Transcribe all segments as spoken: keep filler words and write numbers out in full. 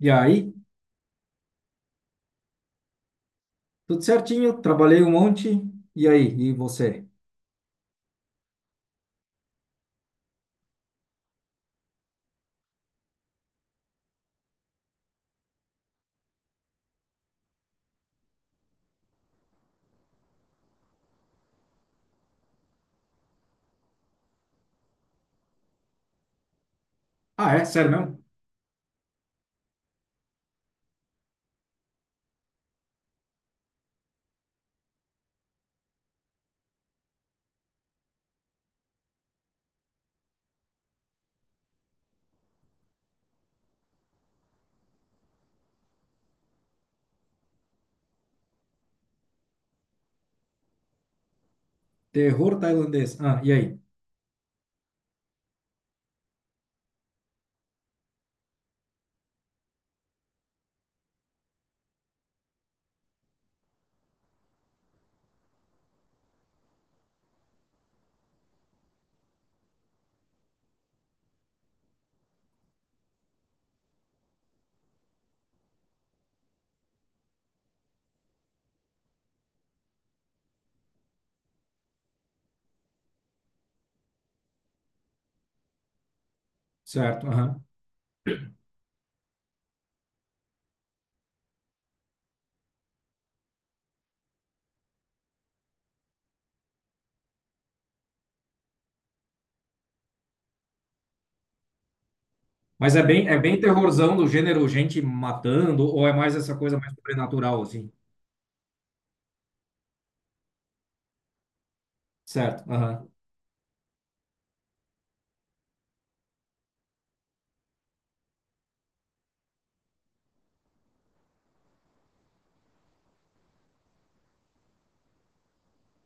E aí, tudo certinho, trabalhei um monte. E aí, e você? Ah, é? Sério mesmo? Terror tailandês. Ah, e aí? Certo, aham. Mas é bem, é bem terrorzão do gênero gente matando, ou é mais essa coisa mais sobrenatural, assim? Certo, aham.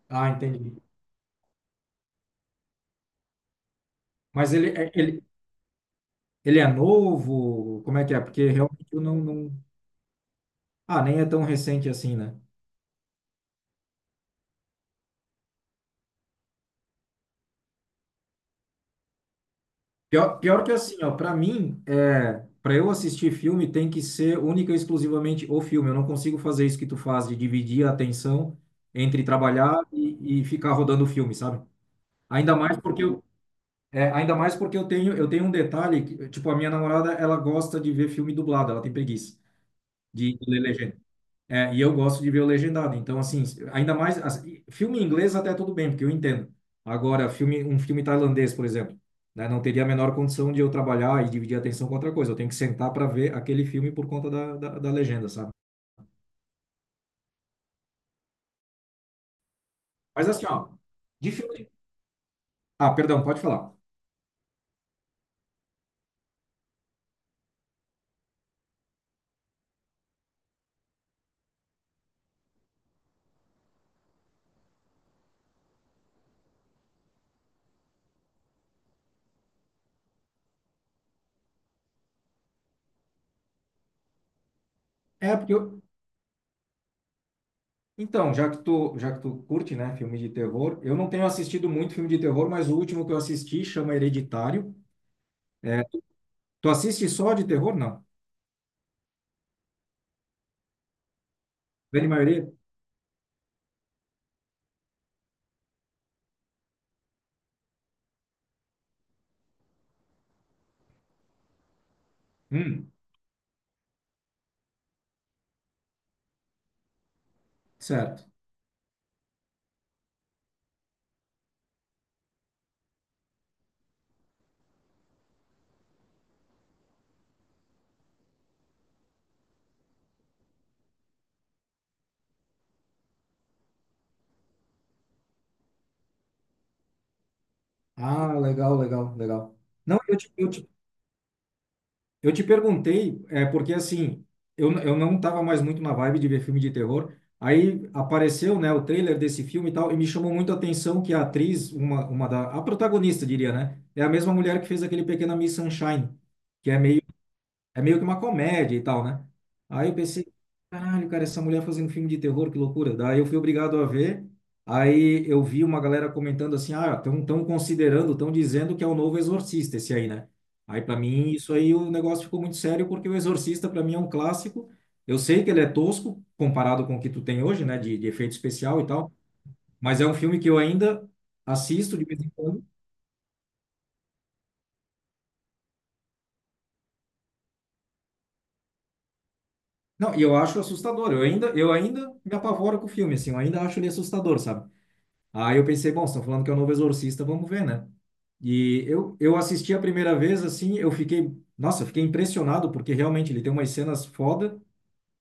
Ah, entendi. Mas ele, é- ele, ele é novo? Como é que é? Porque realmente eu não, não... Ah, nem é tão recente assim, né? Pior, pior que assim, ó, para mim, é, para eu assistir filme tem que ser única e exclusivamente o filme. Eu não consigo fazer isso que tu faz de dividir a atenção entre trabalhar e, e ficar rodando o filme, sabe? Ainda mais porque eu, é, Ainda mais porque eu tenho, eu tenho um detalhe, que, tipo, a minha namorada, ela gosta de ver filme dublado, ela tem preguiça de, de ler legenda. É, e eu gosto de ver o legendado. Então, assim, ainda mais assim, filme em inglês até tudo bem, porque eu entendo. Agora, filme, um filme tailandês, por exemplo, né, não teria a menor condição de eu trabalhar e dividir a atenção com outra coisa. Eu tenho que sentar para ver aquele filme por conta da, da, da legenda, sabe? Mas assim, ó, de filme. Ah, perdão, pode falar. É, porque eu. Então, já que tu, já que tu curte, né, filme de terror, eu não tenho assistido muito filme de terror, mas o último que eu assisti chama Hereditário. É, tu assiste só de terror? Não. Grande maioria? Hum, certo. Ah, legal, legal, legal. Não, eu te, eu te, eu te perguntei, é porque assim, eu, eu não estava mais muito na vibe de ver filme de terror. Aí apareceu, né, o trailer desse filme e tal, e me chamou muito a atenção que a atriz, uma, uma da, a protagonista, diria, né, é a mesma mulher que fez aquele Pequena Miss Sunshine, que é meio é meio que uma comédia e tal, né? Aí eu pensei, caralho, cara, essa mulher fazendo filme de terror, que loucura. Daí eu fui obrigado a ver. Aí eu vi uma galera comentando assim, ah, estão tão considerando, estão dizendo que é o novo Exorcista esse aí, né? Aí para mim isso aí o negócio ficou muito sério porque o Exorcista para mim é um clássico. Eu sei que ele é tosco comparado com o que tu tem hoje, né, de, de efeito especial e tal, mas é um filme que eu ainda assisto de vez em quando. Não, e eu acho assustador. Eu ainda, eu ainda me apavoro com o filme, assim, eu ainda acho ele assustador, sabe? Aí eu pensei, bom, estão falando que é o novo Exorcista, vamos ver, né? E eu, eu assisti a primeira vez, assim, eu fiquei, nossa, eu fiquei impressionado, porque realmente ele tem umas cenas foda,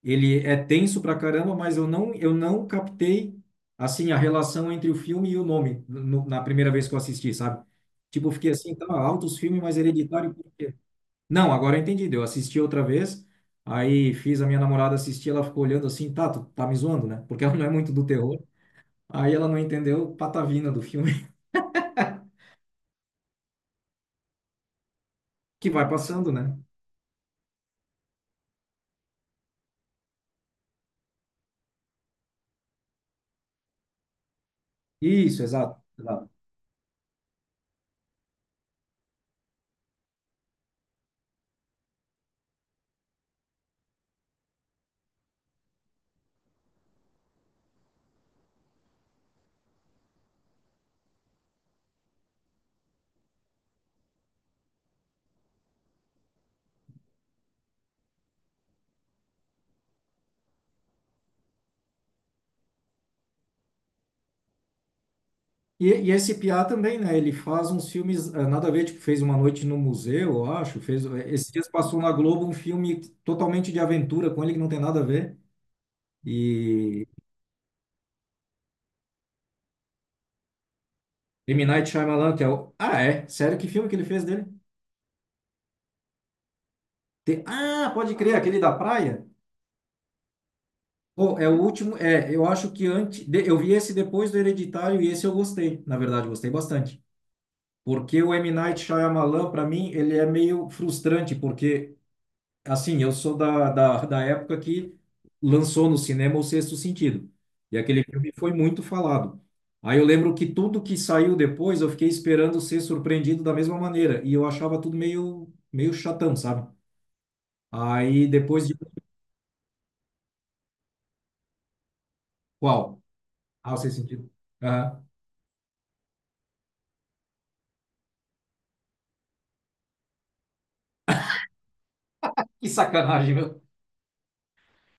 ele é tenso pra caramba, mas eu não, eu não captei, assim, a relação entre o filme e o nome no, na primeira vez que eu assisti, sabe? Tipo, eu fiquei assim, tá, altos filmes, mas hereditário por quê? Não, agora eu entendi, eu assisti outra vez, aí fiz a minha namorada assistir, ela ficou olhando assim, tá, tu tá me zoando, né? Porque ela não é muito do terror, aí ela não entendeu patavina do filme. Que vai passando, né? Isso, exato, exato. E, e esse Piá também, né? Ele faz uns filmes, ah, nada a ver, tipo, fez Uma Noite no Museu, eu acho, fez, eh, esses dias passou na Globo um filme totalmente de aventura com ele que não tem nada a ver. E M. Night Shyamalan, que é o... Ah, é? Sério, que filme que ele fez dele? Tem- Ah, pode crer, aquele da praia? Pô, é o último, é, eu acho que antes, de- eu vi esse depois do Hereditário e esse eu gostei, na verdade, gostei bastante. Porque o M. Night Shyamalan, para mim, ele é meio frustrante, porque assim, eu sou da, da, da época que lançou no cinema O Sexto Sentido. E aquele filme foi muito falado. Aí eu lembro que tudo que saiu depois eu fiquei esperando ser surpreendido da mesma maneira. E eu achava tudo meio, meio chatão, sabe? Aí depois de. Qual? Ah, O Sexto Sentido. Aham. Que sacanagem, meu.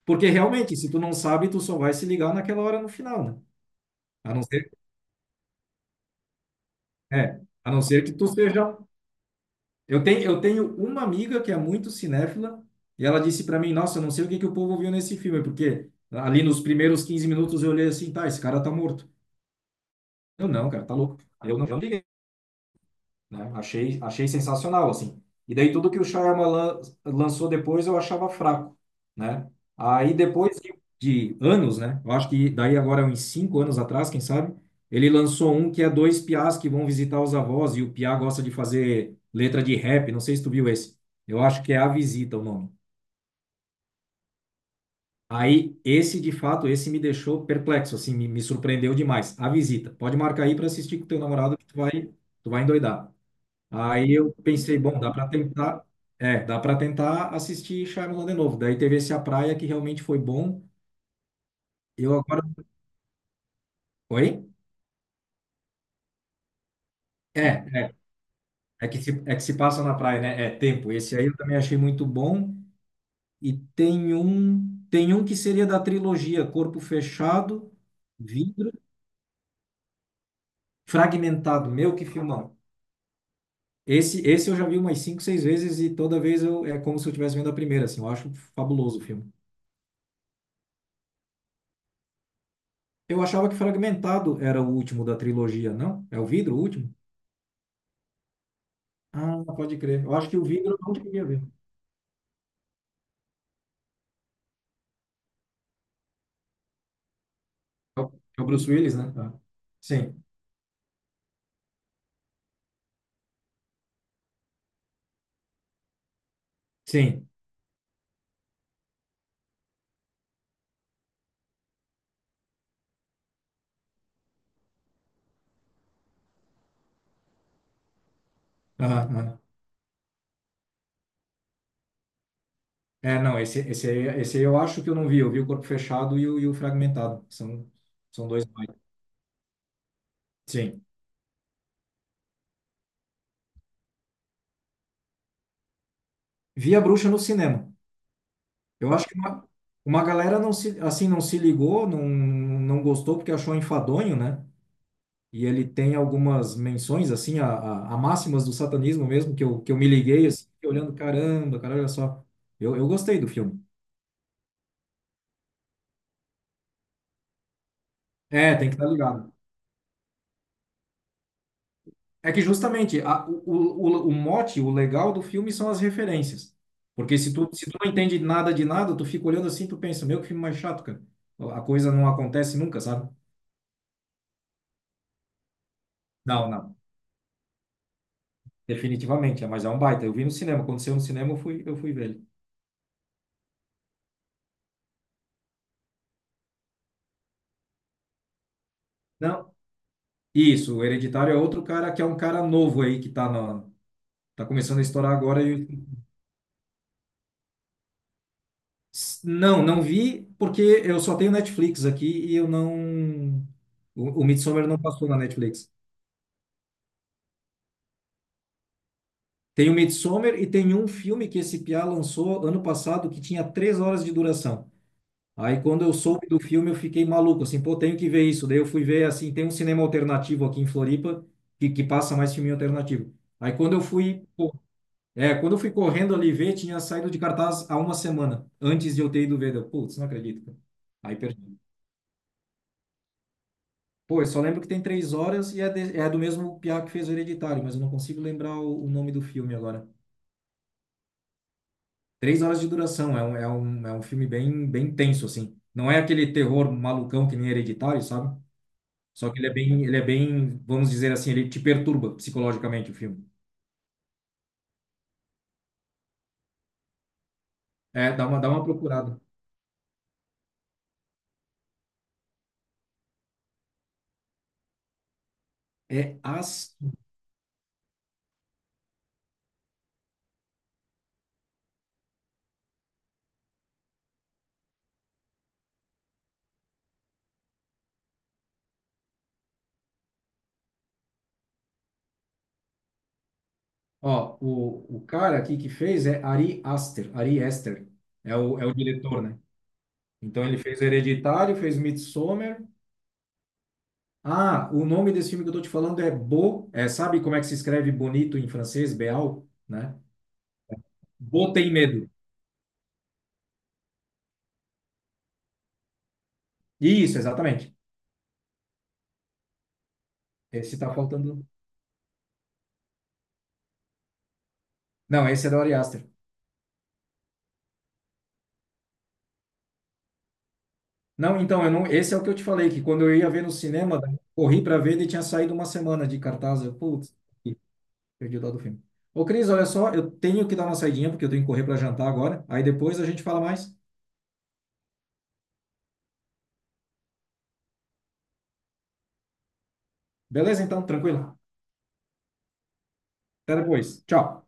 Porque realmente, se tu não sabe, tu só vai se ligar naquela hora no final, né? A não ser, é, a não ser que tu seja. Eu tenho, eu tenho uma amiga que é muito cinéfila e ela disse para mim, nossa, eu não sei o que que o povo viu nesse filme, porque ali nos primeiros quinze minutos eu olhei assim, tá, esse cara tá morto. Eu não, cara, tá louco. Eu não. eu não liguei, né? Achei, achei sensacional, assim. E daí tudo que o Shyamalan lançou depois eu achava fraco, né? Aí depois de, de anos, né? Eu acho que daí agora é uns cinco anos atrás, quem sabe, ele lançou um que é dois piás que vão visitar os avós e o piá gosta de fazer letra de rap, não sei se tu viu esse. Eu acho que é A Visita o nome. Aí esse, de fato, esse me deixou perplexo, assim, me, me surpreendeu demais. A Visita. Pode marcar aí para assistir com teu namorado que tu vai, tu vai endoidar. Aí eu pensei, bom, dá para tentar, é, dá para tentar assistir Shyamalan de novo. Daí teve esse A Praia que realmente foi bom. Eu agora, oi? É, é, é que se, é que se passa na praia, né? É tempo. Esse aí eu também achei muito bom. E tem um, tem um que seria da trilogia Corpo Fechado, Vidro, Fragmentado. Meu, que filmão. Esse, esse eu já vi umas cinco, seis vezes e toda vez eu, é como se eu estivesse vendo a primeira, assim. Eu acho fabuloso o filme. Eu achava que Fragmentado era o último da trilogia, não? É o Vidro o último? Ah, pode crer. Eu acho que o Vidro eu não queria ver. É o é o Bruce Willis, né? Ah. Sim, sim. Aham, aham. É, não, esse, esse, aí- esse aí eu acho que eu não vi. Eu vi o Corpo Fechado e o, e o Fragmentado. São, são dois mais. Sim. Vi a Bruxa no cinema. Eu acho que uma, uma galera não se, assim, não se ligou, não, não gostou porque achou enfadonho, né? E ele tem algumas menções, assim, a, a, a máximas do satanismo mesmo, que eu, que eu me liguei, assim, fiquei olhando, caramba, cara, olha só. Eu, eu gostei do filme. É, tem que estar ligado. É que justamente a, o, o, o mote, o legal do filme são as referências. Porque se tu, se tu não entende nada de nada, tu fica olhando assim, tu pensa, meu, que filme mais chato, cara. A coisa não acontece nunca, sabe? Não, não. Definitivamente, é, mas é um baita. Eu vi no cinema, aconteceu no cinema, eu fui, eu fui ver ele. Não, isso, o Hereditário é outro cara que é um cara novo aí que tá na, tá começando a estourar agora. E... Não, não vi porque eu só tenho Netflix aqui e eu não. O, o Midsommar não passou na Netflix. Tem o Midsommar e tem um filme que esse piá lançou ano passado que tinha três horas de duração. Aí quando eu soube do filme eu fiquei maluco, assim, pô, tenho que ver isso. Daí eu fui ver, assim, tem um cinema alternativo aqui em Floripa que, que passa mais filme alternativo. Aí quando eu fui, pô, é, quando eu fui correndo ali ver, tinha saído de cartaz há uma semana, antes de eu ter ido ver. Eu, Putz, não acredito, cara. Aí perdi. Pô, eu só lembro que tem três horas e é, de- é do mesmo piá que fez o Hereditário, mas eu não consigo lembrar o, o nome do filme agora. Três horas de duração, é um, é um, é um filme bem, bem tenso, assim. Não é aquele terror malucão que nem Hereditário, sabe? Só que ele é bem, ele é bem, vamos dizer assim, ele te perturba psicologicamente o filme. É, dá uma, dá uma procurada. É As... Ó, o, o cara aqui que fez é Ari Aster, Ari Aster. É o, é o diretor, né? Então ele fez Hereditário, fez Midsommar, ah, o nome desse filme que eu tô te falando é Bo, é, sabe como é que se escreve bonito em francês, Beau, né? Bo tem medo. Isso, exatamente. Esse tá faltando. Não, esse é da Ari Aster. Não, então, eu não, esse é o que eu te falei, que quando eu ia ver no cinema, daí eu corri para ver, ele tinha saído uma semana de cartaz. Eu, putz, ih, perdi o dado do filme. Ô, Cris, olha só, eu tenho que dar uma saidinha, porque eu tenho que correr para jantar agora. Aí depois a gente fala mais. Beleza, então, tranquilo. Até depois. Tchau.